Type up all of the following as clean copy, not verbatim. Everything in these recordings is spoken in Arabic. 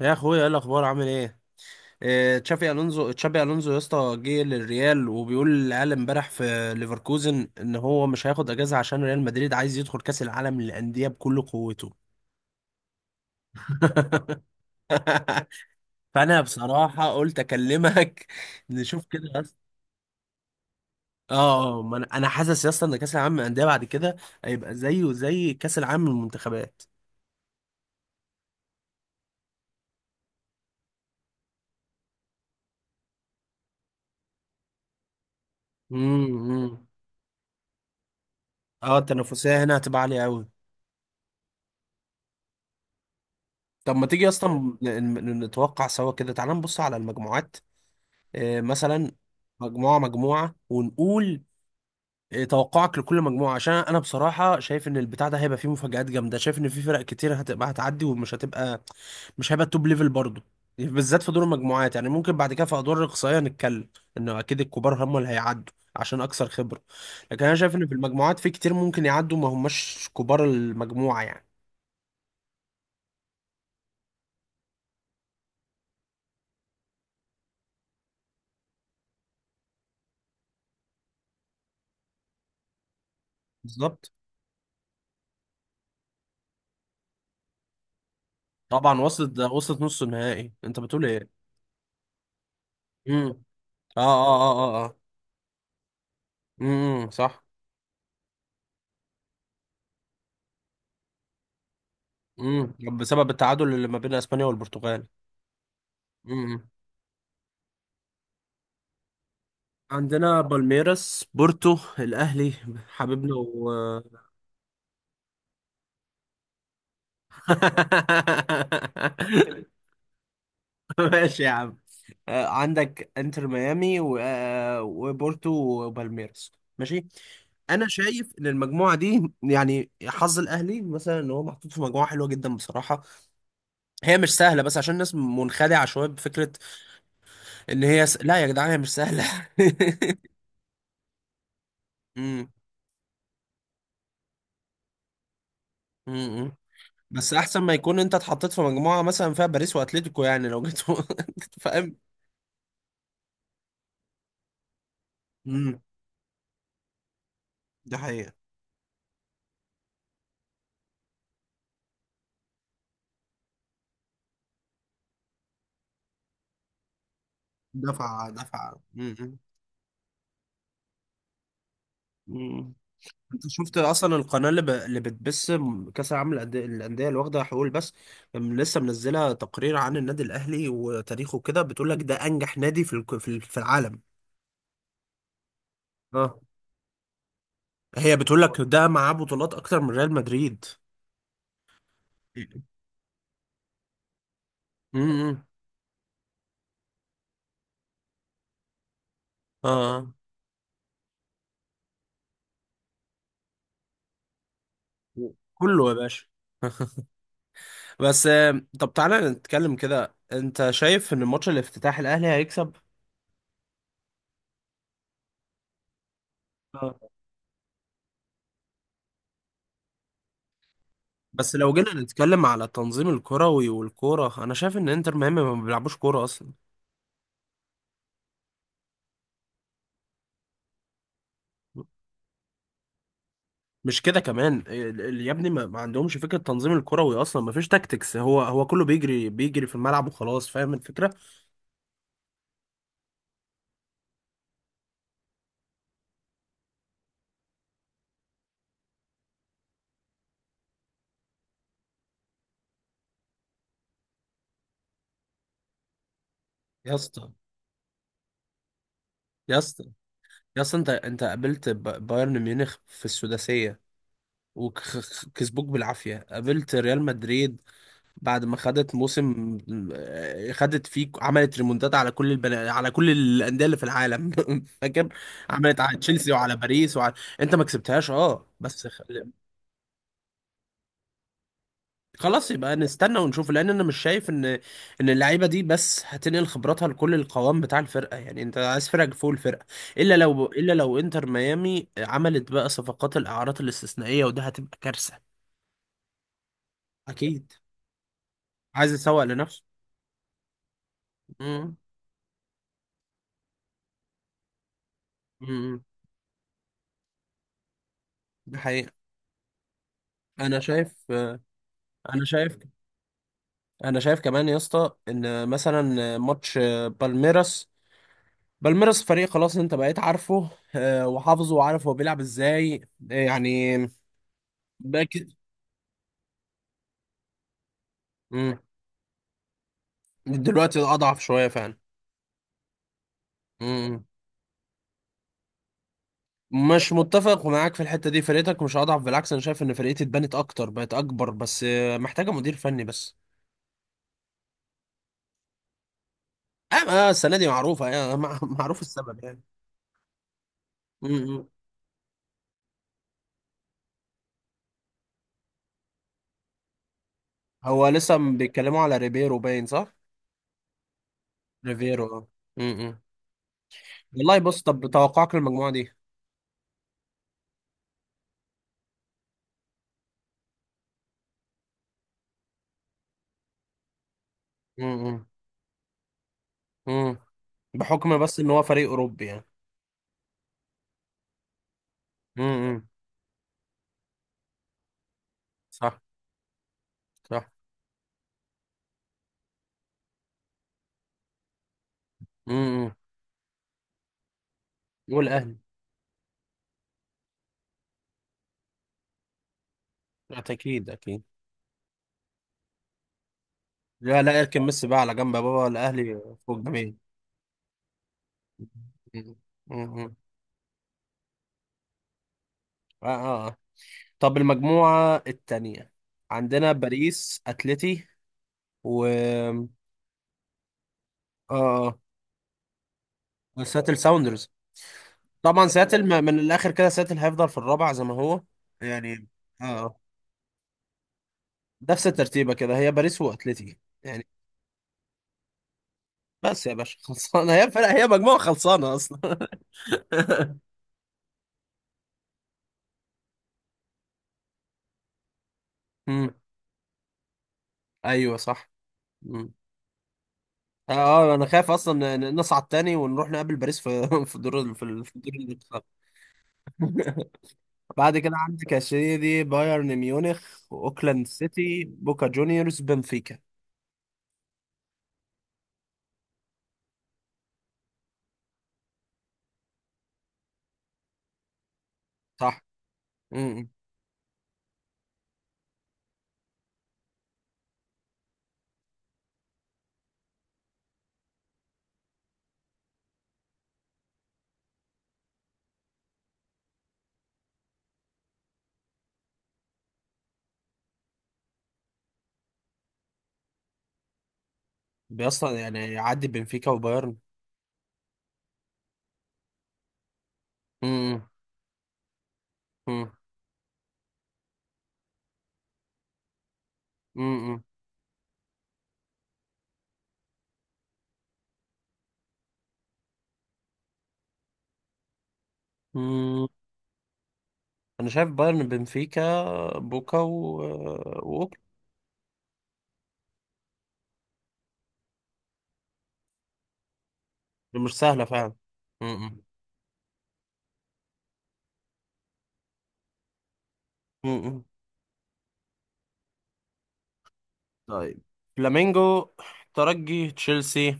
يا اخويا ايه الاخبار عامل ايه؟ إيه، تشافي الونزو يا اسطى، جه للريال وبيقول للعيال امبارح في ليفركوزن ان هو مش هياخد اجازه عشان ريال مدريد عايز يدخل كاس العالم للانديه بكل قوته. فانا بصراحه قلت اكلمك. نشوف كده يا اسطى. اه. ما انا حاسس يا اسطى ان كاس العالم للانديه بعد كده هيبقى زيه زي كاس العالم للمنتخبات. امم. اه، التنافسيه هنا هتبقى عاليه قوي. طب ما تيجي اصلا نتوقع سوا كده، تعال نبص على المجموعات. مثلا مجموعة مجموعة ونقول توقعك لكل مجموعة، عشان أنا بصراحة شايف إن البتاع ده هيبقى فيه مفاجآت جامدة، شايف إن في فرق كتير هتعدي ومش هتبقى مش هيبقى التوب ليفل برضه، بالذات في دور المجموعات. يعني ممكن بعد كده في أدوار الإقصائية نتكلم، إنه أكيد الكبار هم اللي هيعدوا عشان أكثر خبرة. لكن أنا شايف إن في المجموعات في كتير ممكن يعدوا ما هماش كبار المجموعة يعني. بالظبط. طبعا وصلت، ده وصلت نص النهائي. أنت بتقول إيه؟ امم. آه، آه، آه، آه، آه. امم. صح. امم، بسبب التعادل اللي ما بين اسبانيا والبرتغال. امم. عندنا بالميراس، بورتو، الاهلي حبيبنا، و ماشي يا عم. عندك انتر ميامي و... آه، وبورتو وبالميراس. ماشي. انا شايف ان المجموعه دي، يعني حظ الاهلي مثلا، ان هو محطوط في مجموعه حلوه جدا بصراحه. هي مش سهله، بس عشان الناس منخدعه شويه بفكره لا يا جدعان، هي مش سهله. امم. بس احسن ما يكون انت اتحطيت في مجموعه مثلا فيها باريس واتليتيكو، يعني لو جيت. فاهم. امم. ده حقيقة. دفع دفع. امم. مم. انت شفت اصلا القناه، اللي بتبث كاس العالم للأندية، الانديه اللي واخده حقوق بس؟ لسه منزله تقرير عن النادي الاهلي وتاريخه كده، بتقول لك ده انجح نادي في الك- في ال- في العالم. اه. هي بتقول لك ده معاه بطولات اكتر من ريال مدريد. امم. اه، كله يا باشا. بس طب تعالى نتكلم كده، انت شايف ان ماتش الافتتاح الاهلي هيكسب آه. بس لو جينا نتكلم على التنظيم الكروي والكوره، انا شايف ان انتر ميامي ما بيلعبوش كوره اصلا. مش كده كمان، يا ابني، ما عندهمش فكره التنظيم الكروي اصلا، ما فيش تاكتكس، هو كله بيجري بيجري في الملعب وخلاص. فاهم الفكره. يا اسطى، يا اسطى، يا اسطى، انت قابلت بايرن ميونخ في السداسيه وكسبوك بالعافيه، قابلت ريال مدريد بعد ما خدت موسم، خدت فيه عملت ريمونتات على كل الانديه اللي في العالم. فاكر؟ عملت على تشيلسي وعلى باريس انت ما كسبتهاش، اه، بس خلاص يبقى نستنى ونشوف، لان انا مش شايف ان اللعيبه دي بس هتنقل خبراتها لكل القوام بتاع الفرقه يعني. انت عايز فرقه فوق الفرقه، الا لو انتر ميامي عملت بقى صفقات الاعارات الاستثنائيه، وده هتبقى كارثه. اكيد، عايز يسوق لنفسه. امم. امم. ده حقيقه. انا شايف انا شايف انا شايف كمان يا اسطى، ان مثلا ماتش بالميراس بالميراس فريق خلاص انت بقيت عارفه، وحافظه وعارف هو بيلعب ازاي، يعني. باكد. مم. دلوقتي اضعف شويه فعلا. مم. مش متفق معاك في الحته دي، فرقتك مش اضعف، بالعكس انا شايف ان فرقتي اتبنت اكتر، بقت اكبر، بس محتاجه مدير فني بس. اه. السنه دي معروفه يعني. معروف السبب يعني. مم. هو لسه بيتكلموا على ريبيرو باين، صح؟ ريبيرو، اه. مم. والله بص، طب توقعك للمجموعة دي؟ امم. امم. بحكم بس ان هو فريق اوروبي يعني. امم. صح. صح. امم. والاهلي. اكيد، اكيد. لا لا، اركن ميسي بقى على جنب يا بابا، الاهلي فوق، جميل. امم. اه، اه. آه. طب المجموعة التانية، عندنا باريس، اتلتي، و اه آه. وسياتل ساوندرز. طبعا سياتل، من الاخر كده سياتل هيفضل في الرابع زي ما هو، يعني. اه. نفس الترتيبة كده، هي باريس واتلتي، يعني. بس يا باشا خلصانه، هي مجموعه خلصانه اصلا. امم. ايوه، صح. امم. اه، انا خايف اصلا نصعد تاني ونروح نقابل باريس في في الدور ال- في ال- في الدور الانتقال. بعد كده عندك يا سيدي بايرن ميونخ، اوكلاند سيتي، بوكا جونيورز، بنفيكا. صح. امم. بيصلا يعني يعدي بنفيكا وبايرن؟ امم. امم. امم. أمم. انا شايف بايرن، بنفيكا، بوكا واوكلاند. مش سهله فعلا. امم. طيب. فلامينجو، ترجي، تشيلسي،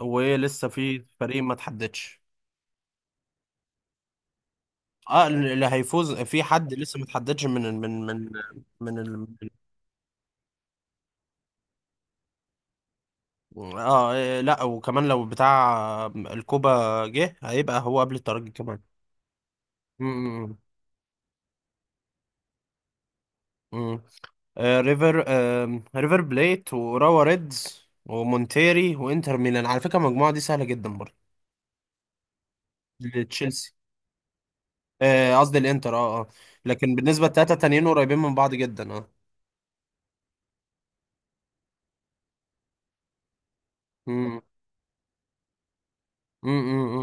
وايه لسه في فريق ما تحددش؟ اه، اللي هيفوز في حد لسه ما تحددش من ال- من من من ال... اه، إيه، لا، وكمان لو بتاع الكوبا جه هيبقى هو قبل الترجي كمان. امم. امم. ريفر بليت، وراوا ريدز، ومونتيري، وانتر ميلان. على فكرة المجموعة دي سهلة جدا برضه، لتشيلسي. قصدي الانتر، اه، اه. لكن بالنسبة للتلاتة التانيين قريبين من بعض جدا، اه. مم. مم.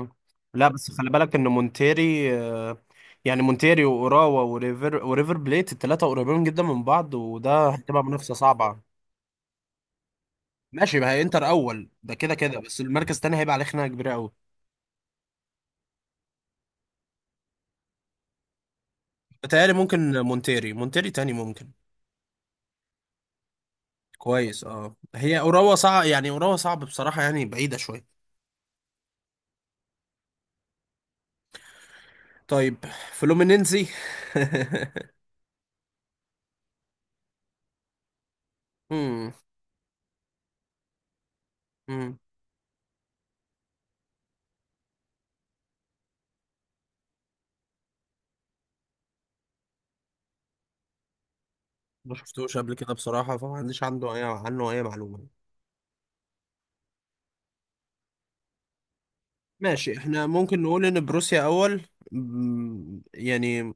مم. لا بس خلي بالك ان مونتيري، يعني مونتيري واوراوا وريفر بليت، الثلاثه قريبين جدا من بعض، وده هتبقى منافسه صعبه. ماشي، ما هي انتر اول ده كده كده، بس المركز الثاني هيبقى عليه خناقه كبيره قوي. بتهيألي ممكن، مونتيري تاني ممكن. كويس. اه، هي اوراوا صعب، يعني اوراوا صعب بصراحه، يعني بعيده شويه. طيب. فلومينينزي. مم. مم. ما شفتوش قبل كده بصراحه، فما عنديش عنده اي عنه اي معلومه. ماشي، احنا ممكن نقول ان بروسيا اول. مم، يعني.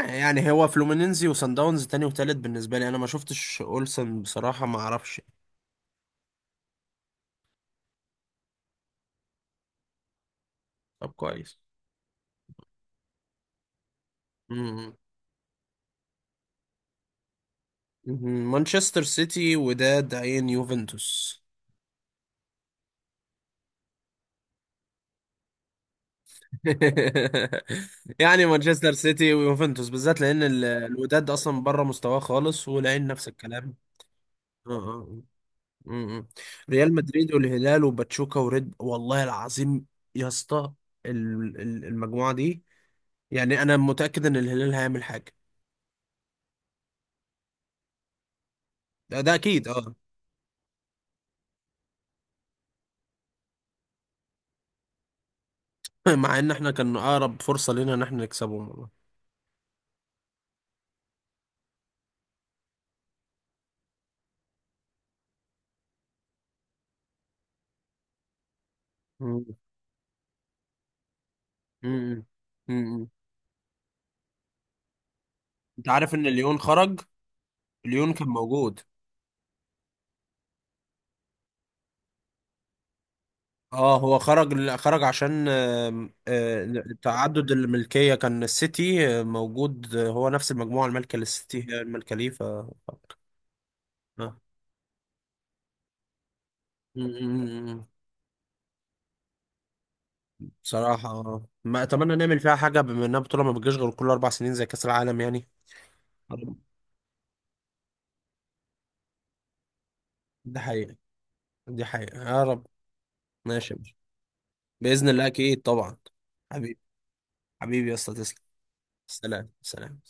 يعني هو فلومينينزي وصن داونز تاني وتالت. بالنسبه لي انا، ما شفتش اولسن بصراحه، ما اعرفش. طب كويس. مم. مم. مانشستر سيتي، وداد، عين، يوفنتوس. يعني مانشستر سيتي ويوفنتوس بالذات، لان الوداد اصلا بره مستواه خالص، والعين نفس الكلام. اه، اه. آه. مم. ريال مدريد، والهلال، وباتشوكا، وريد. والله العظيم يا اسطى، المجموعه دي، يعني انا متاكد ان الهلال هيعمل حاجه. ده اكيد، اه. مع ان احنا كان اقرب فرصه لنا ان احنا نكسبهم والله. مم. مم. مم. انت عارف ان ليون خرج؟ ليون كان موجود. اه، هو خرج، خرج عشان آم، آه، تعدد الملكيه، كان السيتي موجود، هو نفس المجموعه المالكه للسيتي هي المالكه ليه، آه. مم. بصراحة، ما أتمنى نعمل فيها حاجة بما إنها بطولة ما بتجيش غير كل 4 سنين زي كأس العالم يعني. يا رب. دي حقيقة. دي حقيقة يا رب. ماشي يا باشا. بإذن الله أكيد، طبعا. حبيبي، حبيبي يا أسطى، تسلم. سلام، سلام.